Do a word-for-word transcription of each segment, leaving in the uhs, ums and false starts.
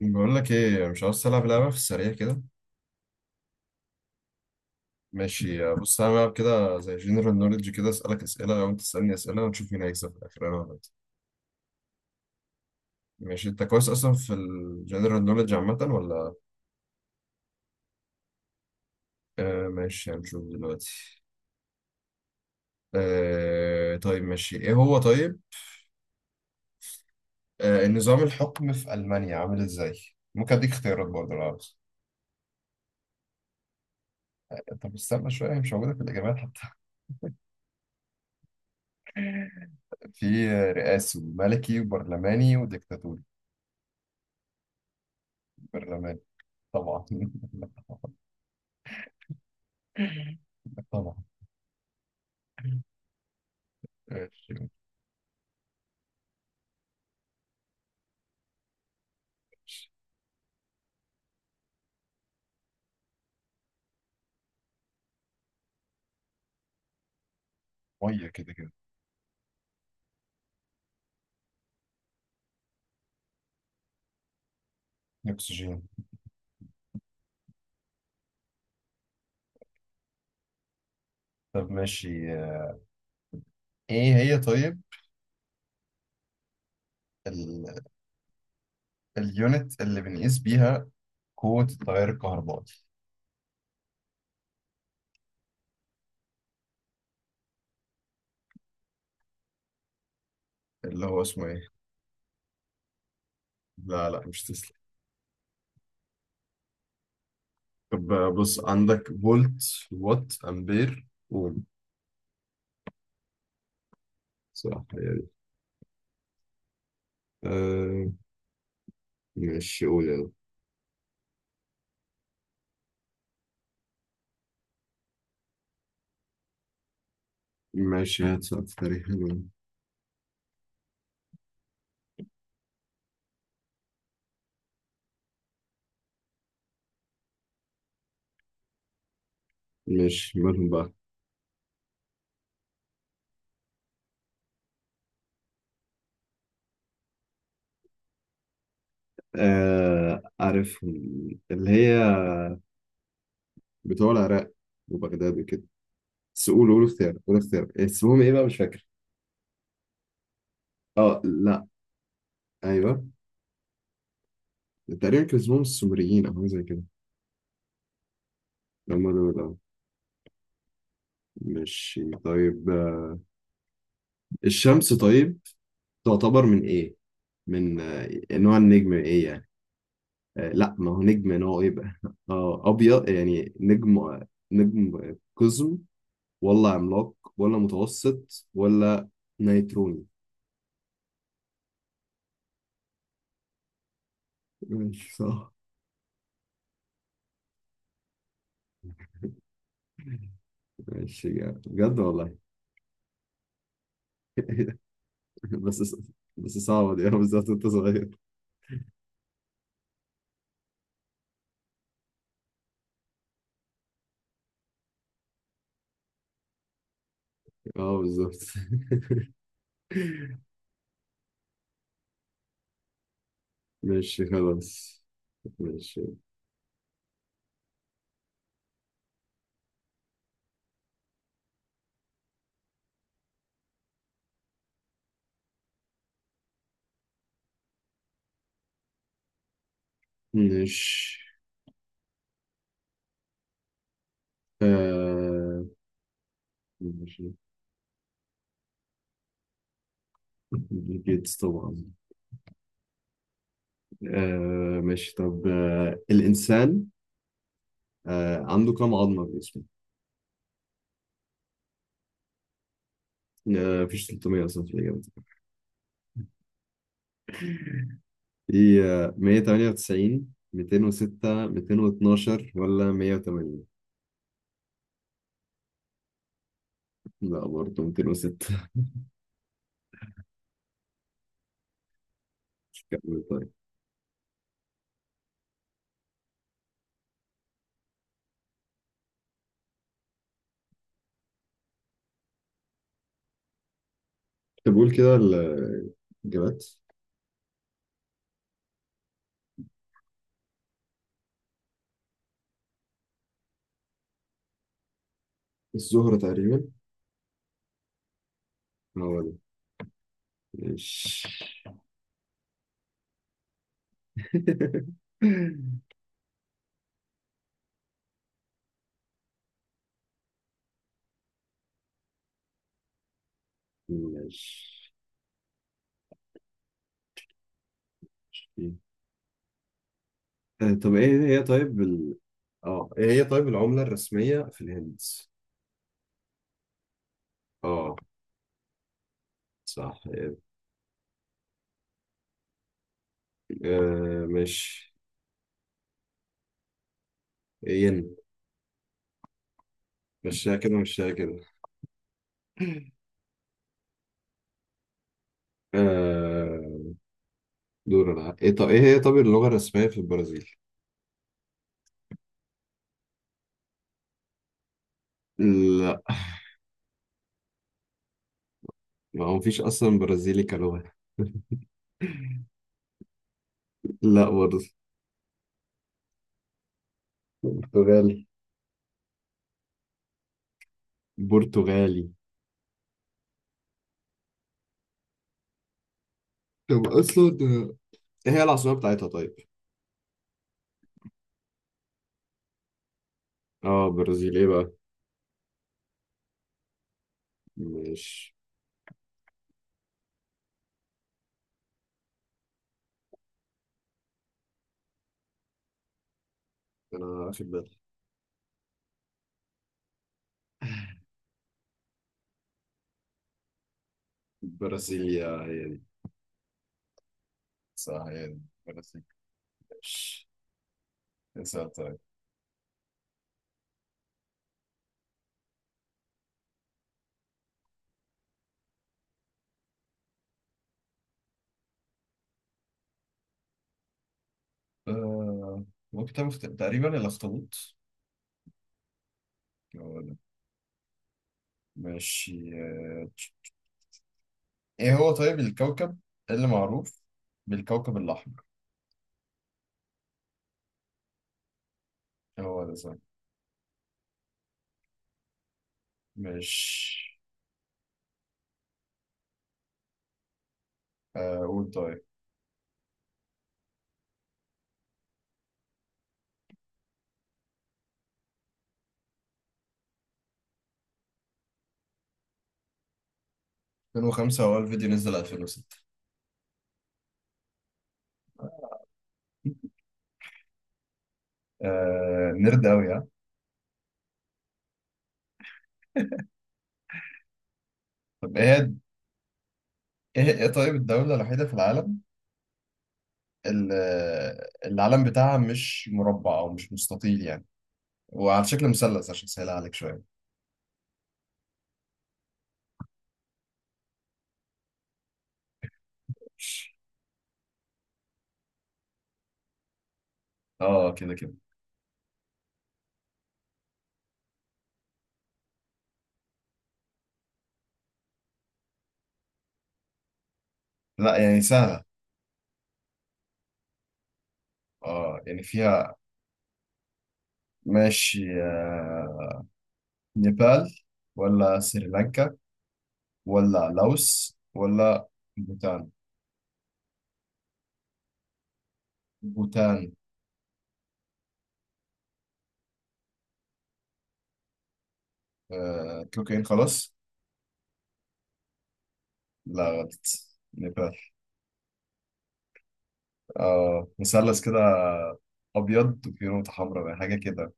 بقول لك ايه؟ مش عاوز تلعب لعبه في السريع كده؟ ماشي بص، هنلعب كده زي جنرال نوليدج، كده اسالك اسئله وانت تسالني اسئله ونشوف مين هيكسب في الاخر، انا ولا انت. ماشي، انت كويس اصلا في الجنرال نوليدج عامه ولا؟ آه ماشي، هنشوف دلوقتي. آه طيب ماشي، ايه هو طيب؟ آه نظام الحكم في المانيا عامل ازاي؟ ممكن اديك اختيارات برضه لو عاوز. طب استنى شويه، هي مش موجوده في الاجابات حتى. في رئاسي وملكي وبرلماني وديكتاتوري. برلماني طبعا. طبعا. ماشي. ميه كده كده. اكسجين. طب ماشي، آه، ايه هي طيب ال... اليونت اللي بنقيس بيها قوة التيار الكهربائي؟ اللي هو اسمه ايه؟ لا لا، مش تسلا. طب آه، بص عندك فولت، وات، امبير، قول. صح، هي دي. آه ماشي، قول يلا. ماشي، هات سؤال في تاريخ حلو. مش مالهم بقى. آه عارفهم، اللي هي بتوع العراق وبغداد وكده. بس قول قول اختيار، قول اختيار. اسمهم ايه بقى؟ مش فاكر. اه لا. ايوه، تقريبا كان اسمهم السومريين او حاجه زي كده. هم دول اه. ماشي طيب. آه، الشمس طيب تعتبر من ايه؟ من آه، نوع النجم ايه يعني؟ آه لا، ما هو نجم نوع ايه بقى؟ اه، ابيض يعني نجم آه، نجم آه، قزم، ولا عملاق، ولا متوسط، ولا نيتروني؟ ماشي صح. ماشي جامد، بجد والله. بس بس صعبة دي. أنا بالذات، أنت صغير. اه بالظبط. ماشي خلاص. ماشي. مش. آه ماشي. بيل جيتس طبعا. آه ماشي طب، آه الإنسان آه عنده كم عظمة في جسمه؟ آه مفيش تلتمية أصلا في الإجابة دي. في آه مية وتمنية وتسعين، ميتين وستة، ميتين واثناعشر، ولا مية وتمانين. لا برضه ميتين وستة. كمل طيب. طب قول كده الإجابات. الزهرة تقريبا. هو ده. ماشي. ماشي، آه، طب ايه هي طيب ال... اه، ايه هي طيب العملة الرسمية في الهند؟ اه. صح. آه مش. ين. مشيها كده مشيها كده. آه، دور انا ايه طب، ايه هي طب اللغة الرسمية في البرازيل؟ لا، ما هو مفيش اصلا برازيلي كلغة. لا برضه. برتغالي. برتغالي. طب اصلا، آه، ايه هي العاصمة بتاعتها طيب؟ اه برازيل ايه بقى؟ مش. انا واخد بالي. البرازيلية هي دي. صح، هي دي. برازيل. ماشي، اسأل طيب. آه ممكن تعمل فت- تقريبا الأخطبوط. هو ده. ماشي، آه، ايه هو طيب الكوكب اللي معروف بالكوكب الأحمر؟ إيه، هو ده صح. ماشي، آه قول طيب. ألفين وخمسة، هو الفيديو نزل ألفين وستة. آه نرد أوي ها. طب ايه هي- ايه ايه طيب الدولة الوحيدة في العالم، اللي العلم بتاعها مش مربع أو مش مستطيل يعني، وعلى شكل مثلث، عشان أسهلها عليك شوية. اه كده كده. لا، يعني سهلة. اه، يعني فيها. ماشي، آه، نيبال، ولا سريلانكا، ولا لاوس، ولا بوتان. بوتان. آه، تلوكين خلاص. لا غلط. نيبال. اه، مثلث كده، أبيض وفيه نقطة حمراء بقى، حاجة كده.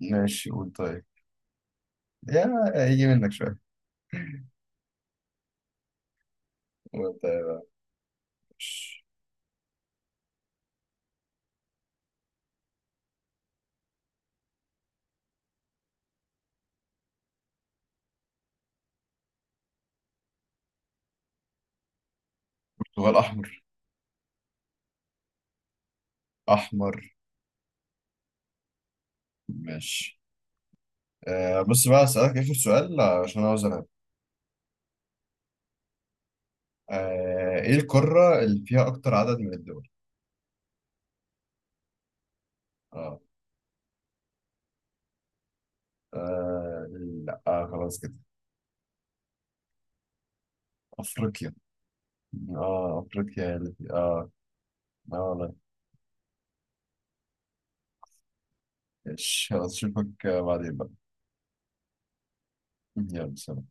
ماشي، قول طيب يا. هيجي منك شوية. قول طيب يا. ماشي. برتغال أحمر. أحمر. ماشي. آه بص بقى أسألك آخر سؤال عشان أوزن. آه، ايه القارة اللي فيها اكتر عدد من الدول؟ اه. آه لا، آه خلاص كده. افريقيا. اه، افريقيا هي اللي في- اه. اه والله. إيش، خلاص اشوفك آه، بعدين بقى. يلا سلام.